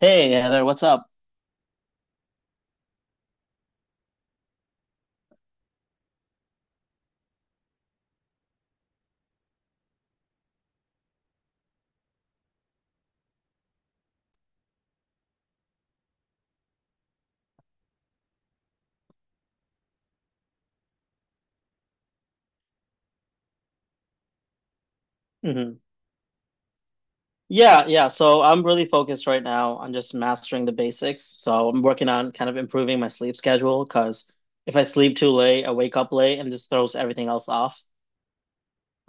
Hey, Heather, what's up? hmm Yeah, yeah. So I'm really focused right now on just mastering the basics. So I'm working on kind of improving my sleep schedule because if I sleep too late, I wake up late and just throws everything else off.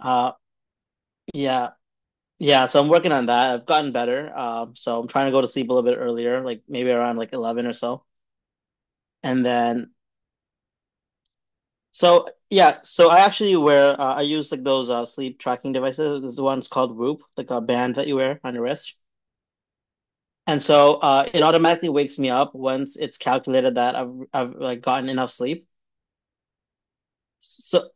Uh, yeah, yeah. So I'm working on that. I've gotten better. So I'm trying to go to sleep a little bit earlier, like maybe around like 11 or so. And then, so yeah, so I actually wear I use like those sleep tracking devices. This one's called Whoop, like a band that you wear on your wrist. And so it automatically wakes me up once it's calculated that I've like gotten enough sleep. So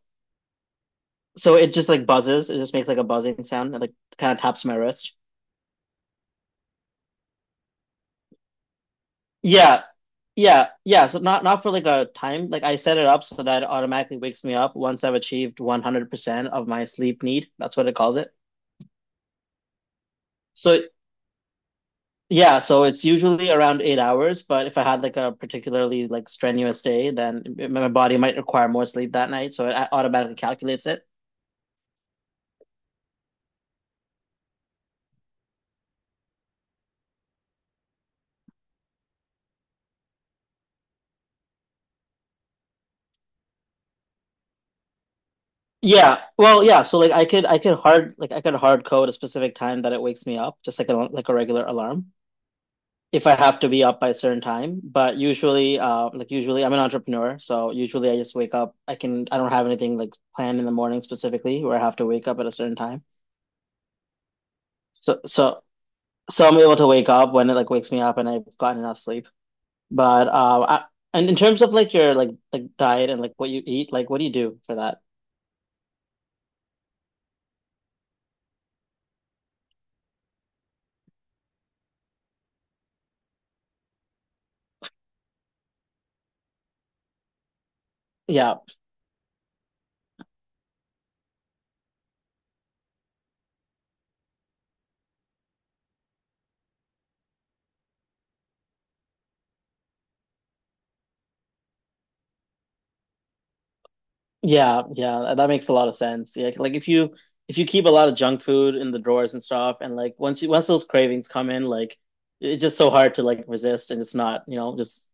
so it just like buzzes. It just makes like a buzzing sound and like kind of taps my wrist. Yeah. Yeah. Yeah. So not for like a time. Like I set it up so that it automatically wakes me up once I've achieved 100% of my sleep need. That's what it calls it. So Yeah, so it's usually around 8 hours, but if I had like a particularly like strenuous day, then my body might require more sleep that night, so it automatically calculates it. Yeah, well, yeah. So like I could hard like I could hard code a specific time that it wakes me up, just like a regular alarm. If I have to be up by a certain time. But usually, like usually, I'm an entrepreneur, so usually I just wake up. I don't have anything like planned in the morning specifically where I have to wake up at a certain time. So so so I'm able to wake up when it like wakes me up and I've gotten enough sleep. But uh, I, and in terms of like your like diet and like what you eat, like what do you do for that? Yeah. Yeah, yeah, that makes a lot of sense. Yeah, like if you keep a lot of junk food in the drawers and stuff, and like once those cravings come in, like it's just so hard to like resist and just not, just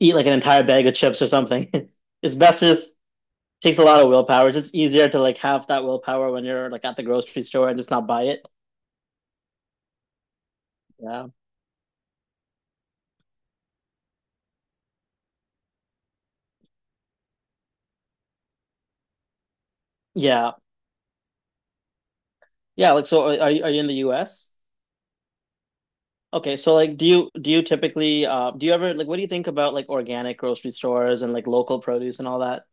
eat like an entire bag of chips or something. It's best just Takes a lot of willpower. It's just easier to like have that willpower when you're like at the grocery store and just not buy it. Yeah. Yeah. Yeah, like so are you are you in the US? Okay, so like do you typically do you ever like what do you think about like organic grocery stores and like local produce and all that?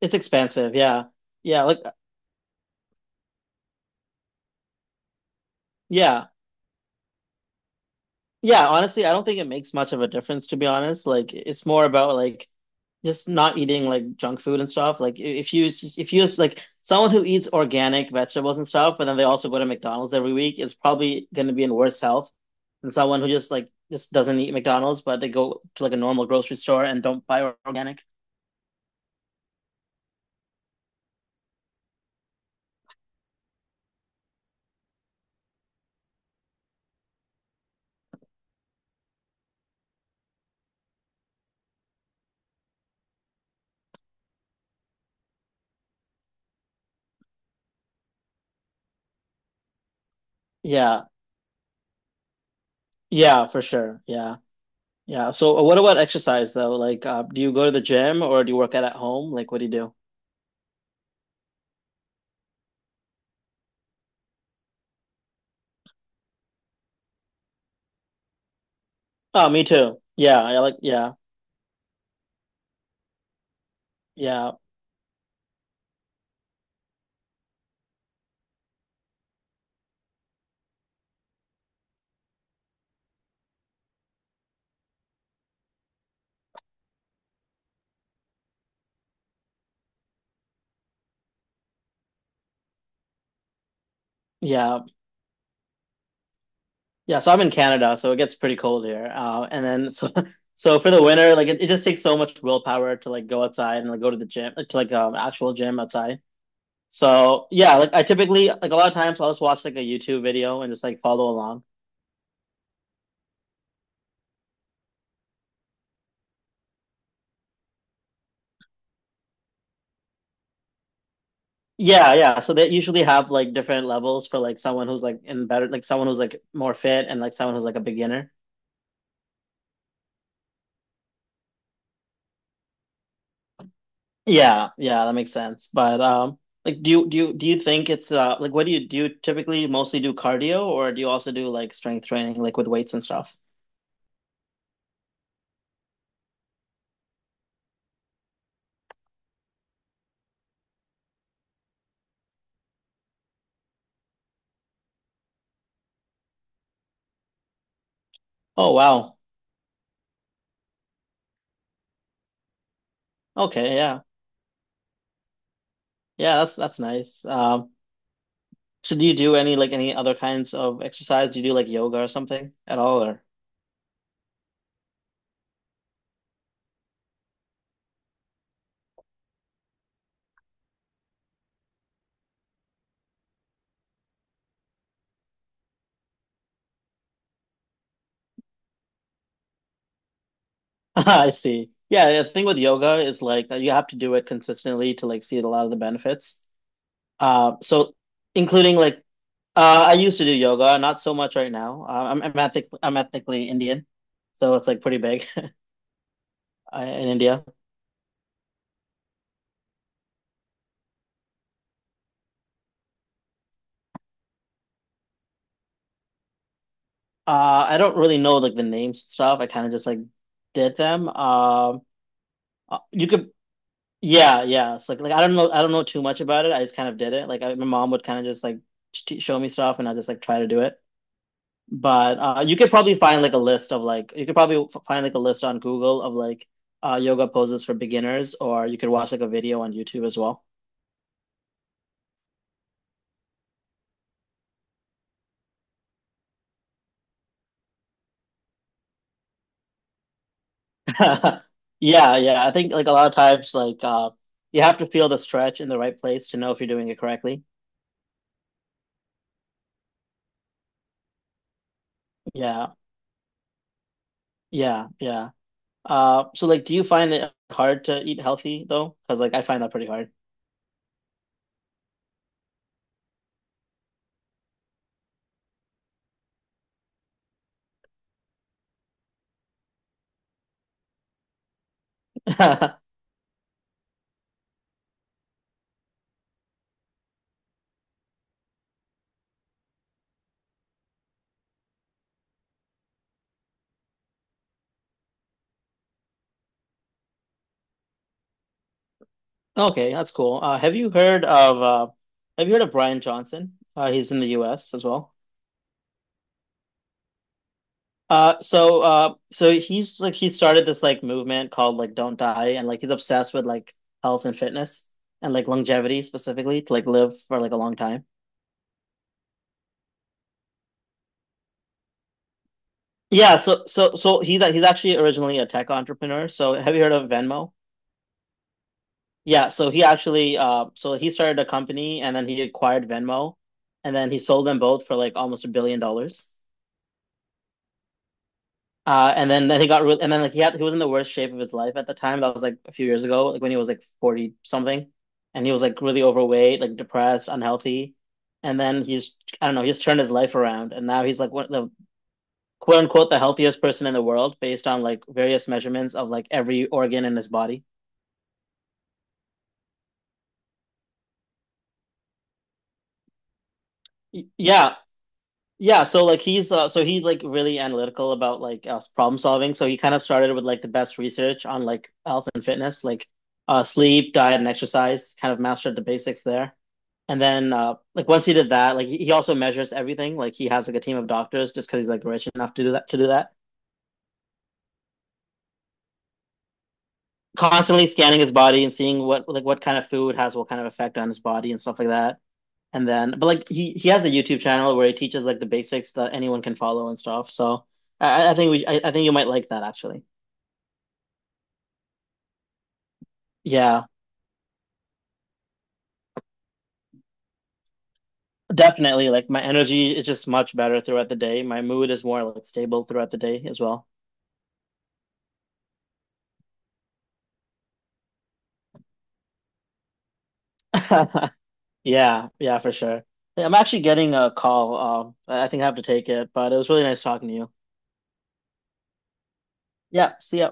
It's expensive, yeah. Yeah, like yeah. Yeah, honestly, I don't think it makes much of a difference to be honest. Like it's more about like just not eating like junk food and stuff. Like I- if you s- like someone who eats organic vegetables and stuff, but then they also go to McDonald's every week is probably going to be in worse health than someone who just like just doesn't eat McDonald's, but they go to like a normal grocery store and don't buy organic. Yeah. Yeah, for sure. Yeah. Yeah. So what about exercise though? Like do you go to the gym or do you work out at home? Like what do you do? Oh, me too. Yeah, I like yeah, yeah, yeah, yeah. So I'm in Canada, so it gets pretty cold here. And then so for the winter, like it just takes so much willpower to like go outside and like go to the gym, like, to like actual gym outside. So yeah, like I typically like a lot of times I'll just watch like a YouTube video and just like follow along. Yeah, yeah. So they usually have like different levels for like someone who's like in better, like someone who's like more fit and like someone who's like a beginner. Yeah, yeah, that makes sense. But like do you think it's like what do you typically mostly do cardio or do you also do like strength training like with weights and stuff? Oh wow. Okay, yeah. Yeah, that's nice. So do you do any like any other kinds of exercise? Do you do like yoga or something at all or I see. Yeah, the thing with yoga is like you have to do it consistently to like see a lot of the benefits. So including like I used to do yoga, not so much right now. I'm ethnically Indian, so it's like pretty big in India. I don't really know like the names and stuff. I kind of just like did them. Uh, you could, yeah, yeah. It's like I don't know too much about it. I just kind of did it. My mom would kind of just like t show me stuff, and I just like try to do it. But you could probably find like a list of like you could probably find like a list on Google of like yoga poses for beginners, or you could watch like a video on YouTube as well. Yeah, yeah. I think like a lot of times like you have to feel the stretch in the right place to know if you're doing it correctly. Yeah, yeah, yeah. So like, do you find it hard to eat healthy though? Because like I find that pretty hard. Okay, that's cool. Have you heard of Brian Johnson? He's in the U.S. as well. So he's like he started this like movement called like Don't Die, and like he's obsessed with like health and fitness and like longevity specifically to like live for like a long time. Yeah, so he's actually originally a tech entrepreneur. So have you heard of Venmo? Yeah, so he actually so he started a company and then he acquired Venmo and then he sold them both for like almost $1 billion. And then he got really, and then like he was in the worst shape of his life at the time. That was like a few years ago, like when he was like 40 something, and he was like really overweight, like depressed, unhealthy. And then he's I don't know, he's turned his life around, and now he's like one of the quote unquote the healthiest person in the world based on like various measurements of like every organ in his body. Y- Yeah, Yeah, so like he's so he's like really analytical about like problem solving. So he kind of started with like the best research on like health and fitness, like sleep, diet, and exercise. Kind of mastered the basics there, and then like once he did that, like he also measures everything. Like he has like a team of doctors just because he's like rich enough to do that. Constantly scanning his body and seeing what like what kind of food has what kind of effect on his body and stuff like that. And then, but like he has a YouTube channel where he teaches like the basics that anyone can follow and stuff. So I think you might like that actually. Yeah, definitely. Like my energy is just much better throughout the day. My mood is more like stable throughout the day as well. Yeah, yeah, for sure. Yeah, I'm actually getting a call. I think I have to take it, but it was really nice talking to you. Yeah, see ya.